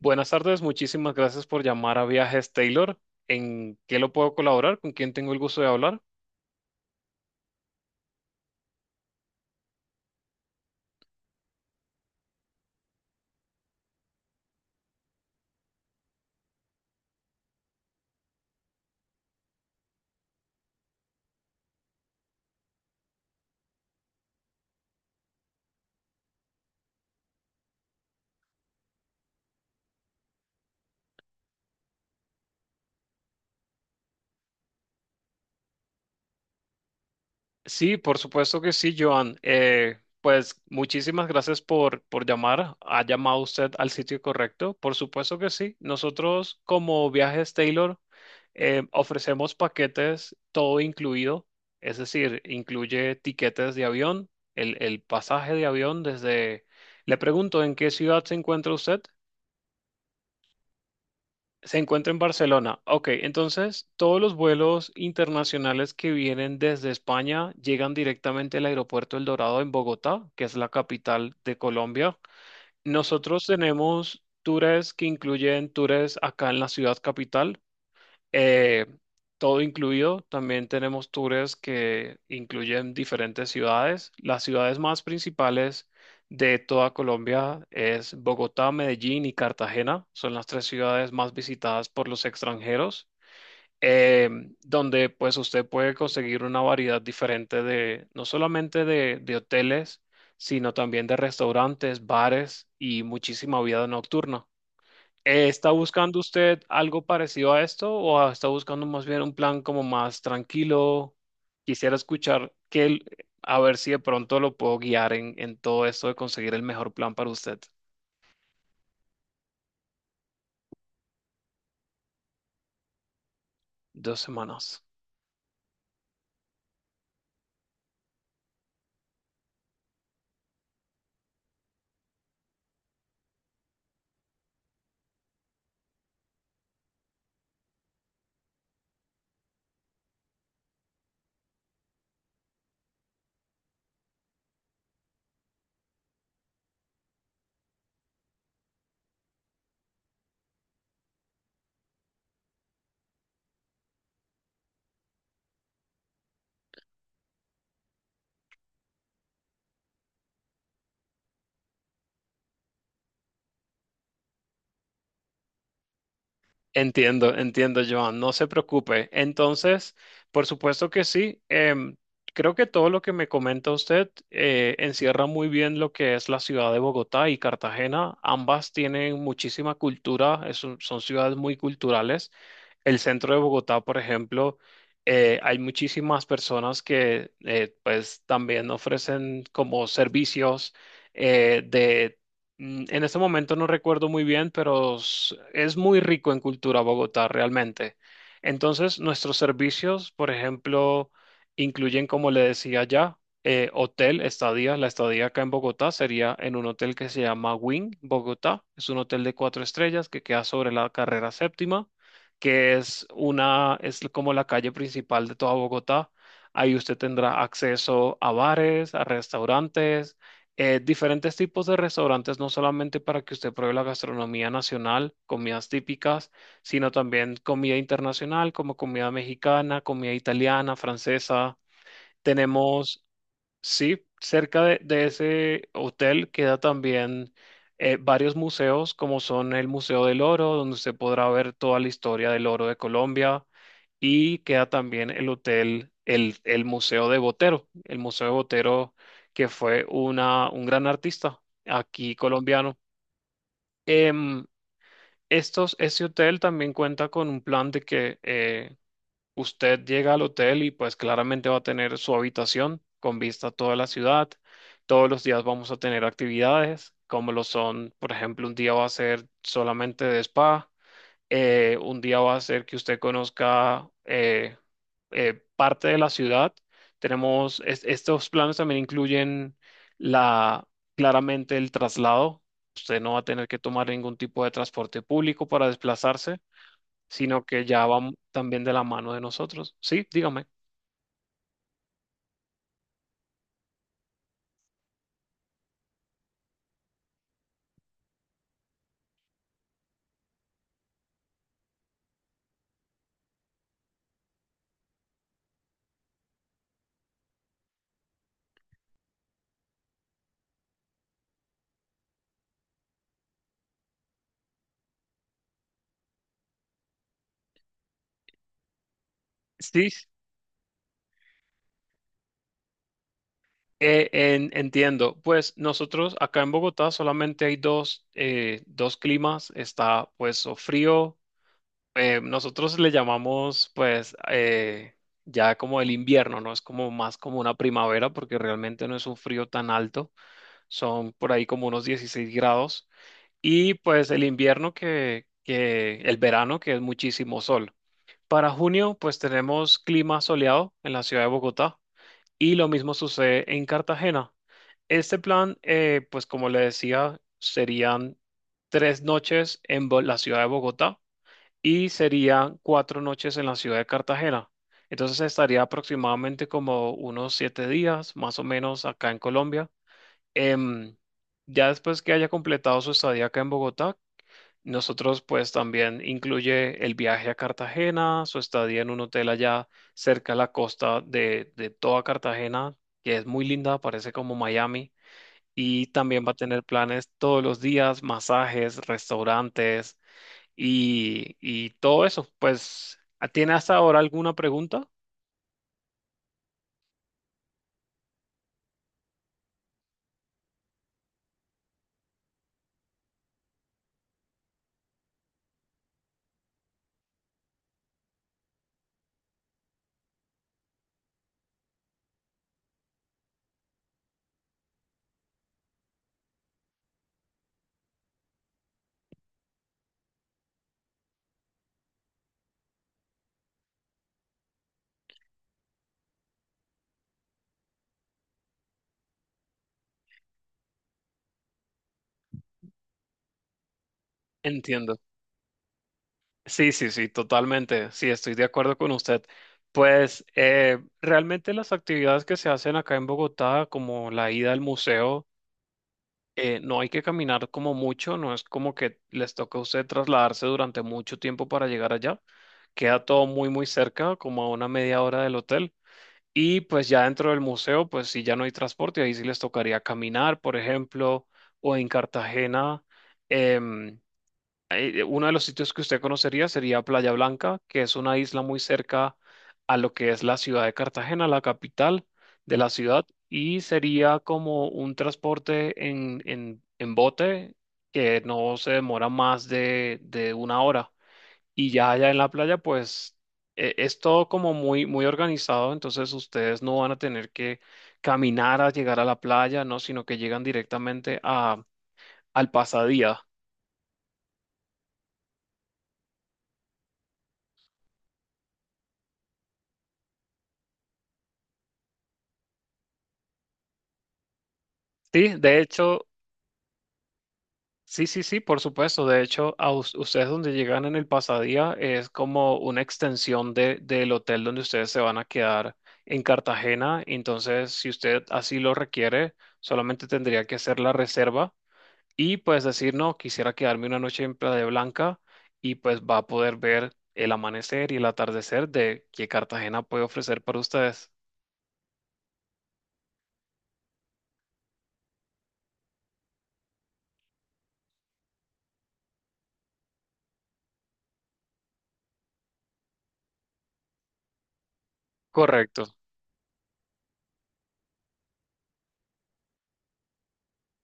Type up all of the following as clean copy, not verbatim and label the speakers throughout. Speaker 1: Buenas tardes, muchísimas gracias por llamar a Viajes Taylor. ¿En qué lo puedo colaborar? ¿Con quién tengo el gusto de hablar? Sí, por supuesto que sí, Joan. Pues muchísimas gracias por llamar. ¿Ha llamado usted al sitio correcto? Por supuesto que sí. Nosotros, como Viajes Taylor, ofrecemos paquetes todo incluido, es decir, incluye tiquetes de avión, el pasaje de avión desde... Le pregunto, ¿en qué ciudad se encuentra usted? Se encuentra en Barcelona. Ok, entonces todos los vuelos internacionales que vienen desde España llegan directamente al aeropuerto El Dorado en Bogotá, que es la capital de Colombia. Nosotros tenemos tours que incluyen tours acá en la ciudad capital, eh, todo incluido. También tenemos tours que incluyen diferentes ciudades. Las ciudades más principales de toda Colombia es Bogotá, Medellín y Cartagena. Son las tres ciudades más visitadas por los extranjeros, eh, donde pues usted puede conseguir una variedad diferente, de no solamente de hoteles, sino también de restaurantes, bares y muchísima vida nocturna. ¿Está buscando usted algo parecido a esto o está buscando más bien un plan como más tranquilo? Quisiera escuchar que a ver si de pronto lo puedo guiar en todo esto de conseguir el mejor plan para usted. 2 semanas. Entiendo, entiendo, Joan, no se preocupe. Entonces, por supuesto que sí. Creo que todo lo que me comenta usted encierra muy bien lo que es la ciudad de Bogotá y Cartagena. Ambas tienen muchísima cultura, son ciudades muy culturales. El centro de Bogotá, por ejemplo, hay muchísimas personas que pues también ofrecen como servicios. eh, de En este momento no recuerdo muy bien, pero es muy rico en cultura Bogotá realmente. Entonces, nuestros servicios, por ejemplo, incluyen, como le decía ya, hotel, estadía. La estadía acá en Bogotá sería en un hotel que se llama Wing Bogotá. Es un hotel de cuatro estrellas que queda sobre la carrera séptima, que es una, es como la calle principal de toda Bogotá. Ahí usted tendrá acceso a bares, a restaurantes, diferentes tipos de restaurantes, no solamente para que usted pruebe la gastronomía nacional, comidas típicas, sino también comida internacional como comida mexicana, comida italiana, francesa. Tenemos Sí, cerca de ese hotel queda también, varios museos, como son el Museo del Oro, donde se podrá ver toda la historia del oro de Colombia, y queda también el Museo de Botero, el Museo de Botero, que fue un gran artista aquí colombiano. Em, ese hotel también cuenta con un plan de que usted llega al hotel y pues claramente va a tener su habitación con vista a toda la ciudad. Todos los días vamos a tener actividades, como lo son, por ejemplo, un día va a ser solamente de spa, un día va a ser que usted conozca parte de la ciudad. Estos planes también incluyen la, claramente el traslado. Usted no va a tener que tomar ningún tipo de transporte público para desplazarse, sino que ya va también de la mano de nosotros. Sí, dígame. Sí, entiendo. Pues nosotros acá en Bogotá solamente hay dos, dos climas. Está pues o frío. Nosotros le llamamos pues, ya como el invierno, ¿no? Es como más como una primavera porque realmente no es un frío tan alto. Son por ahí como unos 16 grados. Y pues el invierno, que el verano que es muchísimo sol. Para junio, pues tenemos clima soleado en la ciudad de Bogotá y lo mismo sucede en Cartagena. Este plan, pues como le decía, serían 3 noches en la ciudad de Bogotá y serían 4 noches en la ciudad de Cartagena. Entonces estaría aproximadamente como unos 7 días, más o menos, acá en Colombia. Em, ya después que haya completado su estadía acá en Bogotá, nosotros pues también incluye el viaje a Cartagena, su estadía en un hotel allá cerca de la costa de toda Cartagena, que es muy linda, parece como Miami, y también va a tener planes todos los días, masajes, restaurantes y todo eso. Pues, ¿tiene hasta ahora alguna pregunta? Entiendo. Sí, sí, sí, totalmente. Sí, estoy de acuerdo con usted. Pues, realmente las actividades que se hacen acá en Bogotá, como la ida al museo, no hay que caminar como mucho, no es como que les toque a usted trasladarse durante mucho tiempo para llegar allá. Queda todo muy, muy cerca, como a una media hora del hotel. Y pues ya dentro del museo, pues sí, ya no hay transporte, ahí sí les tocaría caminar, por ejemplo, o en Cartagena. em, Uno de los sitios que usted conocería sería Playa Blanca, que es una isla muy cerca a lo que es la ciudad de Cartagena, la capital de la ciudad, y sería como un transporte en bote, que no se demora más de una hora. Y ya allá en la playa, pues, es todo como muy, muy organizado, entonces ustedes no van a tener que caminar a llegar a la playa, ¿no? Sino que llegan directamente al pasadía. Sí, de hecho. Sí, sí, sí, por supuesto. De hecho, a ustedes, donde llegan en el pasadía, es como una extensión del hotel donde ustedes se van a quedar en Cartagena. Entonces, si usted así lo requiere, solamente tendría que hacer la reserva y pues decir, no, quisiera quedarme una noche en Playa Blanca, y pues va a poder ver el amanecer y el atardecer de que Cartagena puede ofrecer para ustedes. Correcto.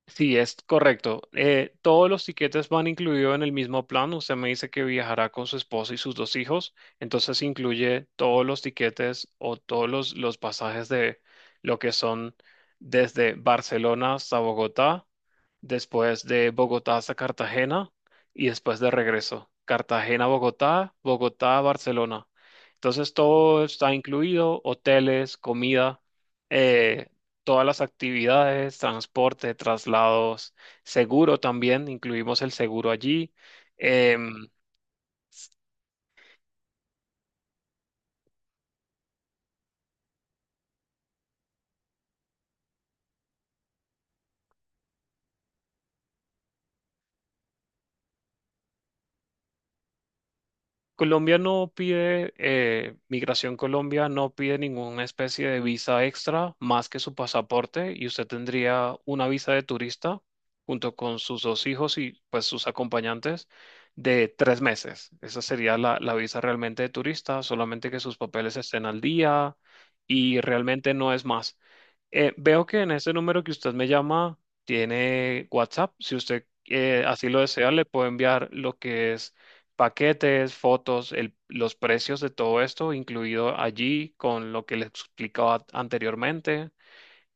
Speaker 1: Sí, es correcto. Todos los tiquetes van incluidos en el mismo plan. Usted me dice que viajará con su esposa y sus dos hijos, entonces incluye todos los tiquetes o todos los pasajes de lo que son desde Barcelona hasta Bogotá, después de Bogotá hasta Cartagena y después de regreso. Cartagena, Bogotá, Bogotá, Barcelona. Entonces todo está incluido: hoteles, comida, eh, todas las actividades, transporte, traslados, seguro también, incluimos el seguro allí. Em, s- Colombia no pide, Migración Colombia no pide ninguna especie de visa extra más que su pasaporte, y usted tendría una visa de turista junto con sus dos hijos y pues sus acompañantes de 3 meses. Esa sería la visa realmente de turista, solamente que sus papeles estén al día y realmente no es más. Veo que en ese número que usted me llama tiene WhatsApp. Si usted así lo desea, le puedo enviar lo que es paquetes, fotos, los precios de todo esto, incluido allí con lo que les explicaba anteriormente.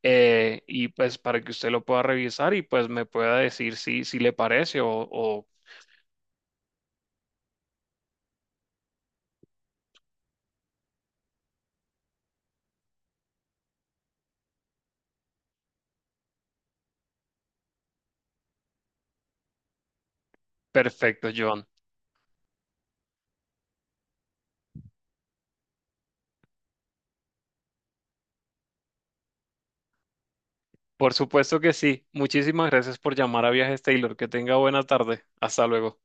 Speaker 1: Y pues para que usted lo pueda revisar y pues me pueda decir si le parece Perfecto, John. Por supuesto que sí. Muchísimas gracias por llamar a Viajes Taylor. Que tenga buena tarde. Hasta luego.